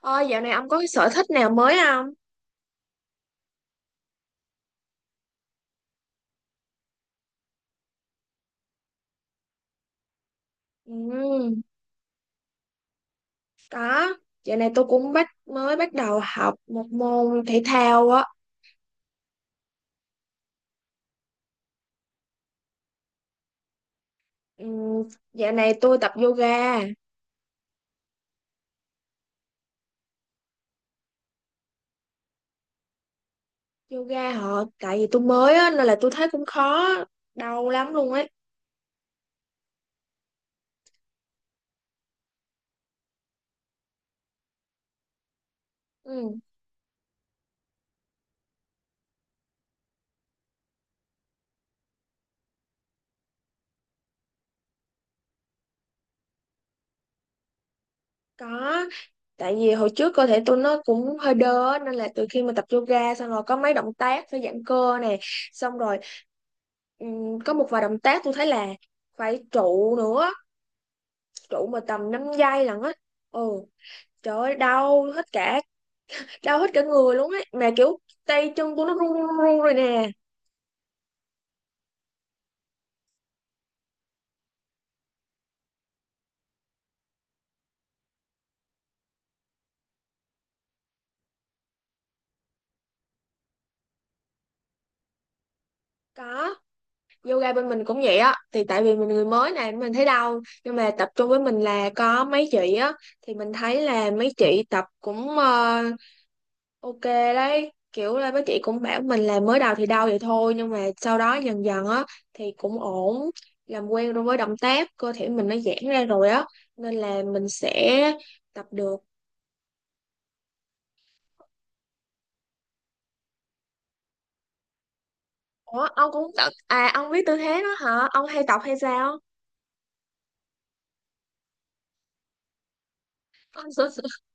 Ôi, dạo này ông có cái sở thích nào mới không? Ừ, có. Dạo này tôi cũng mới bắt đầu học một môn thể thao á. Ừ, dạo này tôi tập yoga. Tại vì tôi mới á, nên là tôi thấy cũng khó, đau lắm luôn ấy. Ừ, có. Tại vì hồi trước cơ thể tôi nó cũng hơi đơ á, nên là từ khi mà tập yoga xong rồi có mấy động tác phải giãn cơ nè, xong rồi có một vài động tác tôi thấy là phải trụ nữa, trụ mà tầm 5 giây lận á. Ồ, trời ơi, đau hết cả người luôn á, mà kiểu tay chân của nó run run run rồi nè. Có. Yoga bên mình cũng vậy á, thì tại vì mình người mới này mình thấy đau, nhưng mà tập trung với mình là có mấy chị á, thì mình thấy là mấy chị tập cũng ok đấy, kiểu là mấy chị cũng bảo mình là mới đầu thì đau vậy thôi, nhưng mà sau đó dần dần á thì cũng ổn, làm quen rồi với động tác, cơ thể mình nó giãn ra rồi á, nên là mình sẽ tập được. Ủa, ông cũng tập à? Ông biết tư thế đó hả? Ông hay tập hay sao?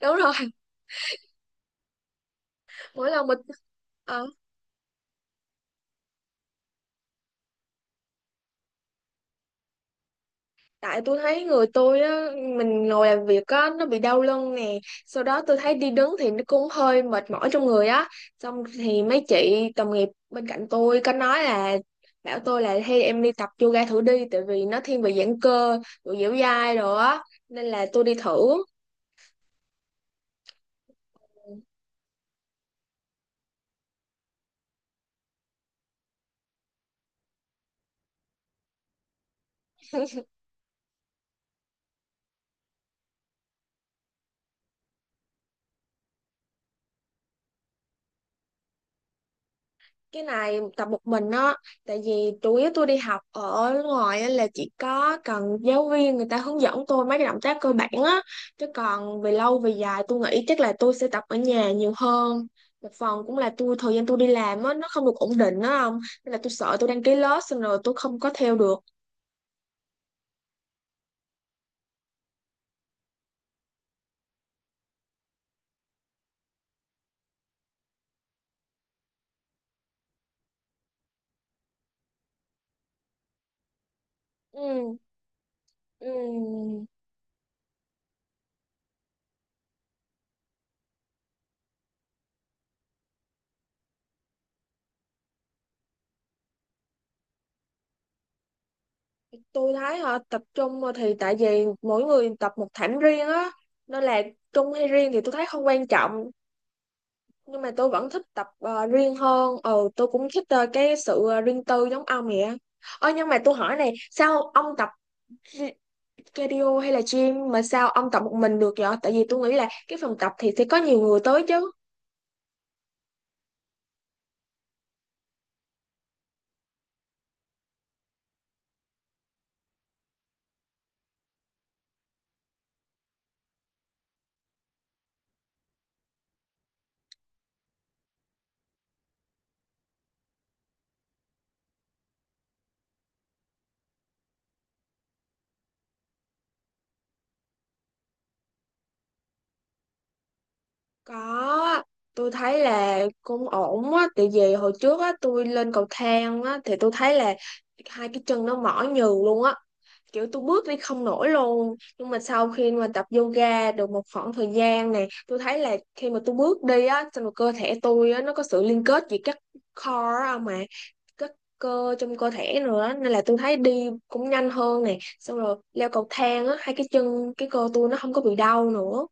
Đúng rồi, mỗi lần mình ờ, tại tôi thấy người tôi á, mình ngồi làm việc á nó bị đau lưng nè, sau đó tôi thấy đi đứng thì nó cũng hơi mệt mỏi trong người á. Xong thì mấy chị đồng nghiệp bên cạnh tôi có nói là, bảo tôi là hay em đi tập yoga thử đi, tại vì nó thiên về giãn cơ, rồi dẻo dai rồi á, nên là tôi đi thử. Cái này tập một mình á, tại vì chủ yếu tôi đi học ở ngoài á là chỉ có cần giáo viên người ta hướng dẫn tôi mấy cái động tác cơ bản á, chứ còn về lâu về dài tôi nghĩ chắc là tôi sẽ tập ở nhà nhiều hơn. Một phần cũng là tôi thời gian tôi đi làm á nó không được ổn định á, không, nên là tôi sợ tôi đăng ký lớp xong rồi tôi không có theo được. Ừ, ừ. Tôi thấy họ tập trung thì tại vì mỗi người tập một thảm riêng á, nên là chung hay riêng thì tôi thấy không quan trọng, nhưng mà tôi vẫn thích tập riêng hơn, ừ, tôi cũng thích cái sự riêng tư giống ông vậy á. Ơ, nhưng mà tôi hỏi này, sao ông tập ri- cardio hay là gym mà sao ông tập một mình được vậy, tại vì tôi nghĩ là cái phòng tập thì sẽ có nhiều người tới chứ. Có, tôi thấy là cũng ổn á, tại vì hồi trước á tôi lên cầu thang á thì tôi thấy là hai cái chân nó mỏi nhừ luôn á, kiểu tôi bước đi không nổi luôn. Nhưng mà sau khi mà tập yoga được một khoảng thời gian này, tôi thấy là khi mà tôi bước đi á, xong rồi cơ thể tôi á nó có sự liên kết với các core á, mà các cơ trong cơ thể nữa, nên là tôi thấy đi cũng nhanh hơn này. Xong rồi leo cầu thang á, hai cái chân cái cơ tôi nó không có bị đau nữa.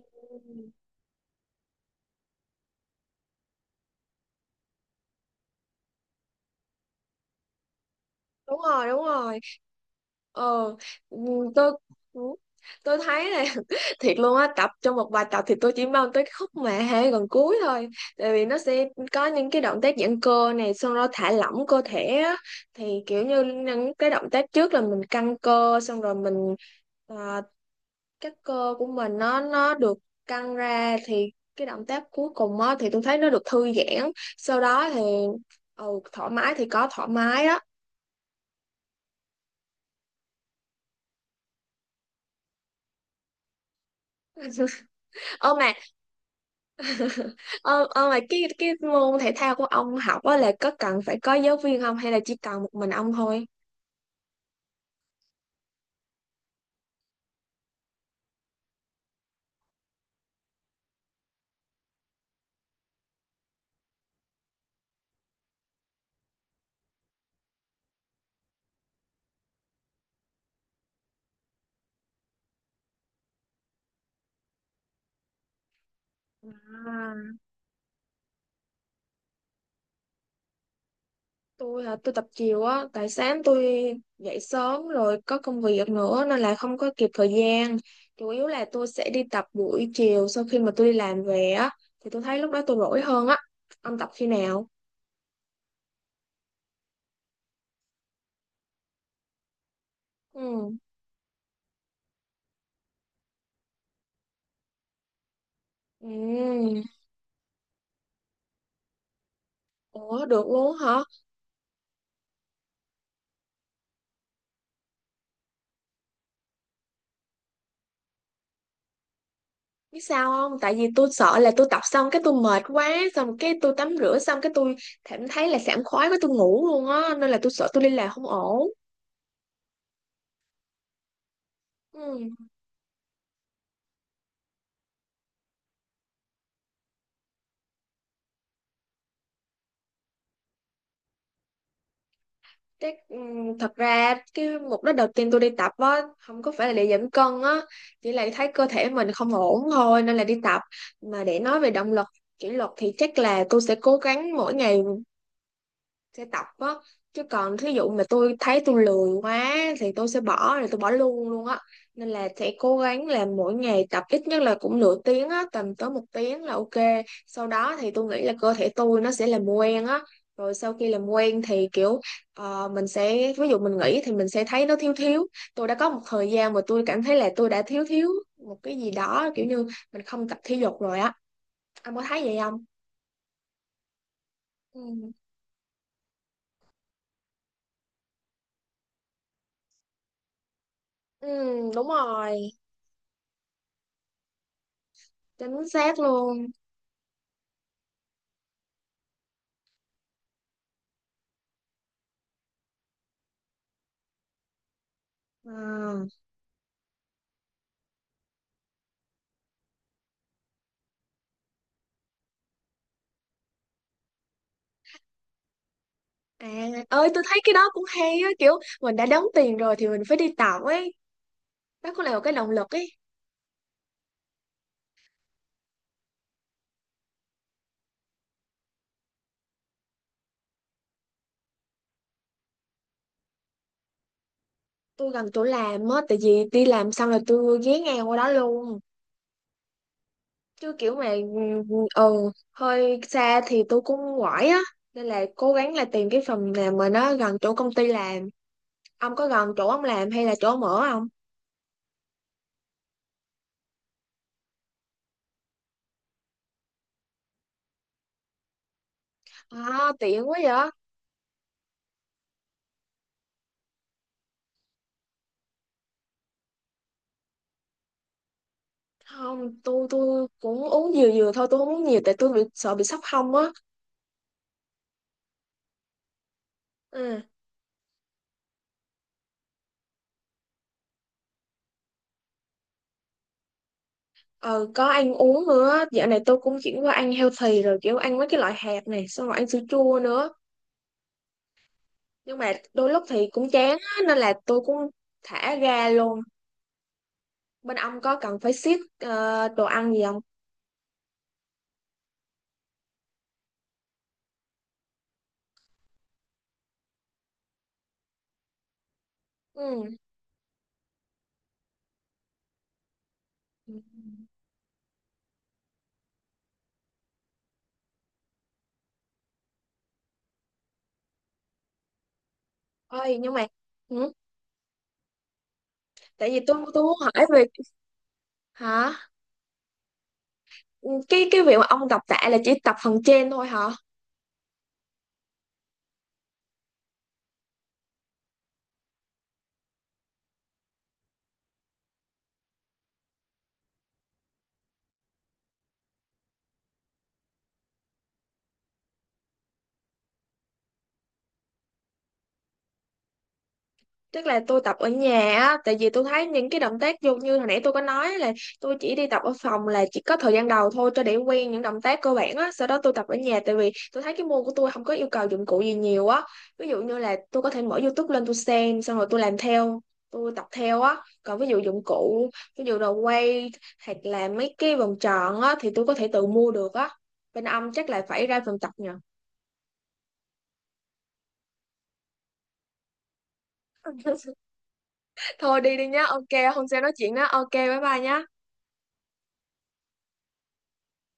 Ừ. Đúng rồi, đúng rồi. ờ ừ, tôi ừ. Tôi thấy là thiệt luôn á, tập trong một bài tập thì tôi chỉ mong tới cái khúc mà hay gần cuối thôi, tại vì nó sẽ có những cái động tác giãn cơ này, xong rồi thả lỏng cơ thể á, thì kiểu như những cái động tác trước là mình căng cơ xong rồi mình à, các cơ của mình nó được căng ra, thì cái động tác cuối cùng á thì tôi thấy nó được thư giãn, sau đó thì ừ, thoải mái thì có thoải mái á. Ơ mà... ờ, mà cái môn thể thao của ông học á là có cần phải có giáo viên không, hay là chỉ cần một mình ông thôi? À, tôi hả, tôi tập chiều á, tại sáng tôi dậy sớm rồi có công việc nữa nên là không có kịp thời gian. Chủ yếu là tôi sẽ đi tập buổi chiều sau khi mà tôi đi làm về á, thì tôi thấy lúc đó tôi rỗi hơn á. Ông tập khi nào? Ừ. Ừ. Ủa, được luôn hả? Biết sao không, tại vì tôi sợ là tôi tập xong cái tôi mệt quá, xong cái tôi tắm rửa xong cái tôi cảm thấy là sảng khoái quá, tôi ngủ luôn á, nên là tôi sợ tôi đi làm không ổn. Ừ. Thế, ừ, thật ra cái mục đích đầu tiên tôi đi tập á không có phải là để giảm cân á, chỉ là thấy cơ thể mình không ổn thôi nên là đi tập. Mà để nói về động lực, kỷ luật thì chắc là tôi sẽ cố gắng mỗi ngày sẽ tập á, chứ còn thí dụ mà tôi thấy tôi lười quá thì tôi sẽ bỏ rồi tôi bỏ luôn luôn á, nên là sẽ cố gắng làm mỗi ngày, tập ít nhất là cũng nửa tiếng á, tầm tới một tiếng là ok. Sau đó thì tôi nghĩ là cơ thể tôi nó sẽ làm quen á, rồi sau khi làm quen thì kiểu mình sẽ, ví dụ mình nghỉ thì mình sẽ thấy nó thiếu thiếu. Tôi đã có một thời gian mà tôi cảm thấy là tôi đã thiếu thiếu một cái gì đó, kiểu như mình không tập thể dục rồi á. Anh có thấy vậy không? Ừ. Ừ, đúng rồi. Chính xác luôn. À, à, ơi tôi thấy cái đó cũng hay á, kiểu mình đã đóng tiền rồi thì mình phải đi tạo ấy, đó cũng là một cái động lực ấy. Tôi gần chỗ làm á, tại vì đi làm xong là tôi ghé ngang qua đó luôn, chứ kiểu mà ừ, hơi xa thì tôi cũng quải á, nên là cố gắng là tìm cái phòng nào mà nó gần chỗ công ty làm. Ông có gần chỗ ông làm hay là chỗ ông ở không? À, tiện quá vậy. Không, tôi cũng uống dừa dừa thôi, tôi không uống nhiều, tại tôi bị sợ bị sốc hông á. Ừ. Ờ, có ăn uống nữa, dạo này tôi cũng chuyển qua ăn healthy rồi, kiểu ăn mấy cái loại hạt này xong rồi ăn sữa chua nữa, nhưng mà đôi lúc thì cũng chán á, nên là tôi cũng thả ga luôn. Bên ông có cần phải siết đồ ăn gì không? Ừ. Ơi, nhưng mà ừ. Tại vì tôi muốn hỏi về... Hả? Ừ, cái việc mà ông đọc tạ là chỉ tập phần trên thôi hả? Tức là tôi tập ở nhà á, tại vì tôi thấy những cái động tác vô như hồi nãy tôi có nói là tôi chỉ đi tập ở phòng là chỉ có thời gian đầu thôi cho để quen những động tác cơ bản á, sau đó tôi tập ở nhà tại vì tôi thấy cái môn của tôi không có yêu cầu dụng cụ gì nhiều á. Ví dụ như là tôi có thể mở YouTube lên tôi xem xong rồi tôi làm theo, tôi tập theo á. Còn ví dụ dụng cụ, ví dụ đồ quay hoặc là mấy cái vòng tròn á thì tôi có thể tự mua được á. Bên ông chắc là phải ra phòng tập nhờ. Thôi đi đi nhá, ok, hôm sau nói chuyện đó, ok, bye bye nhá.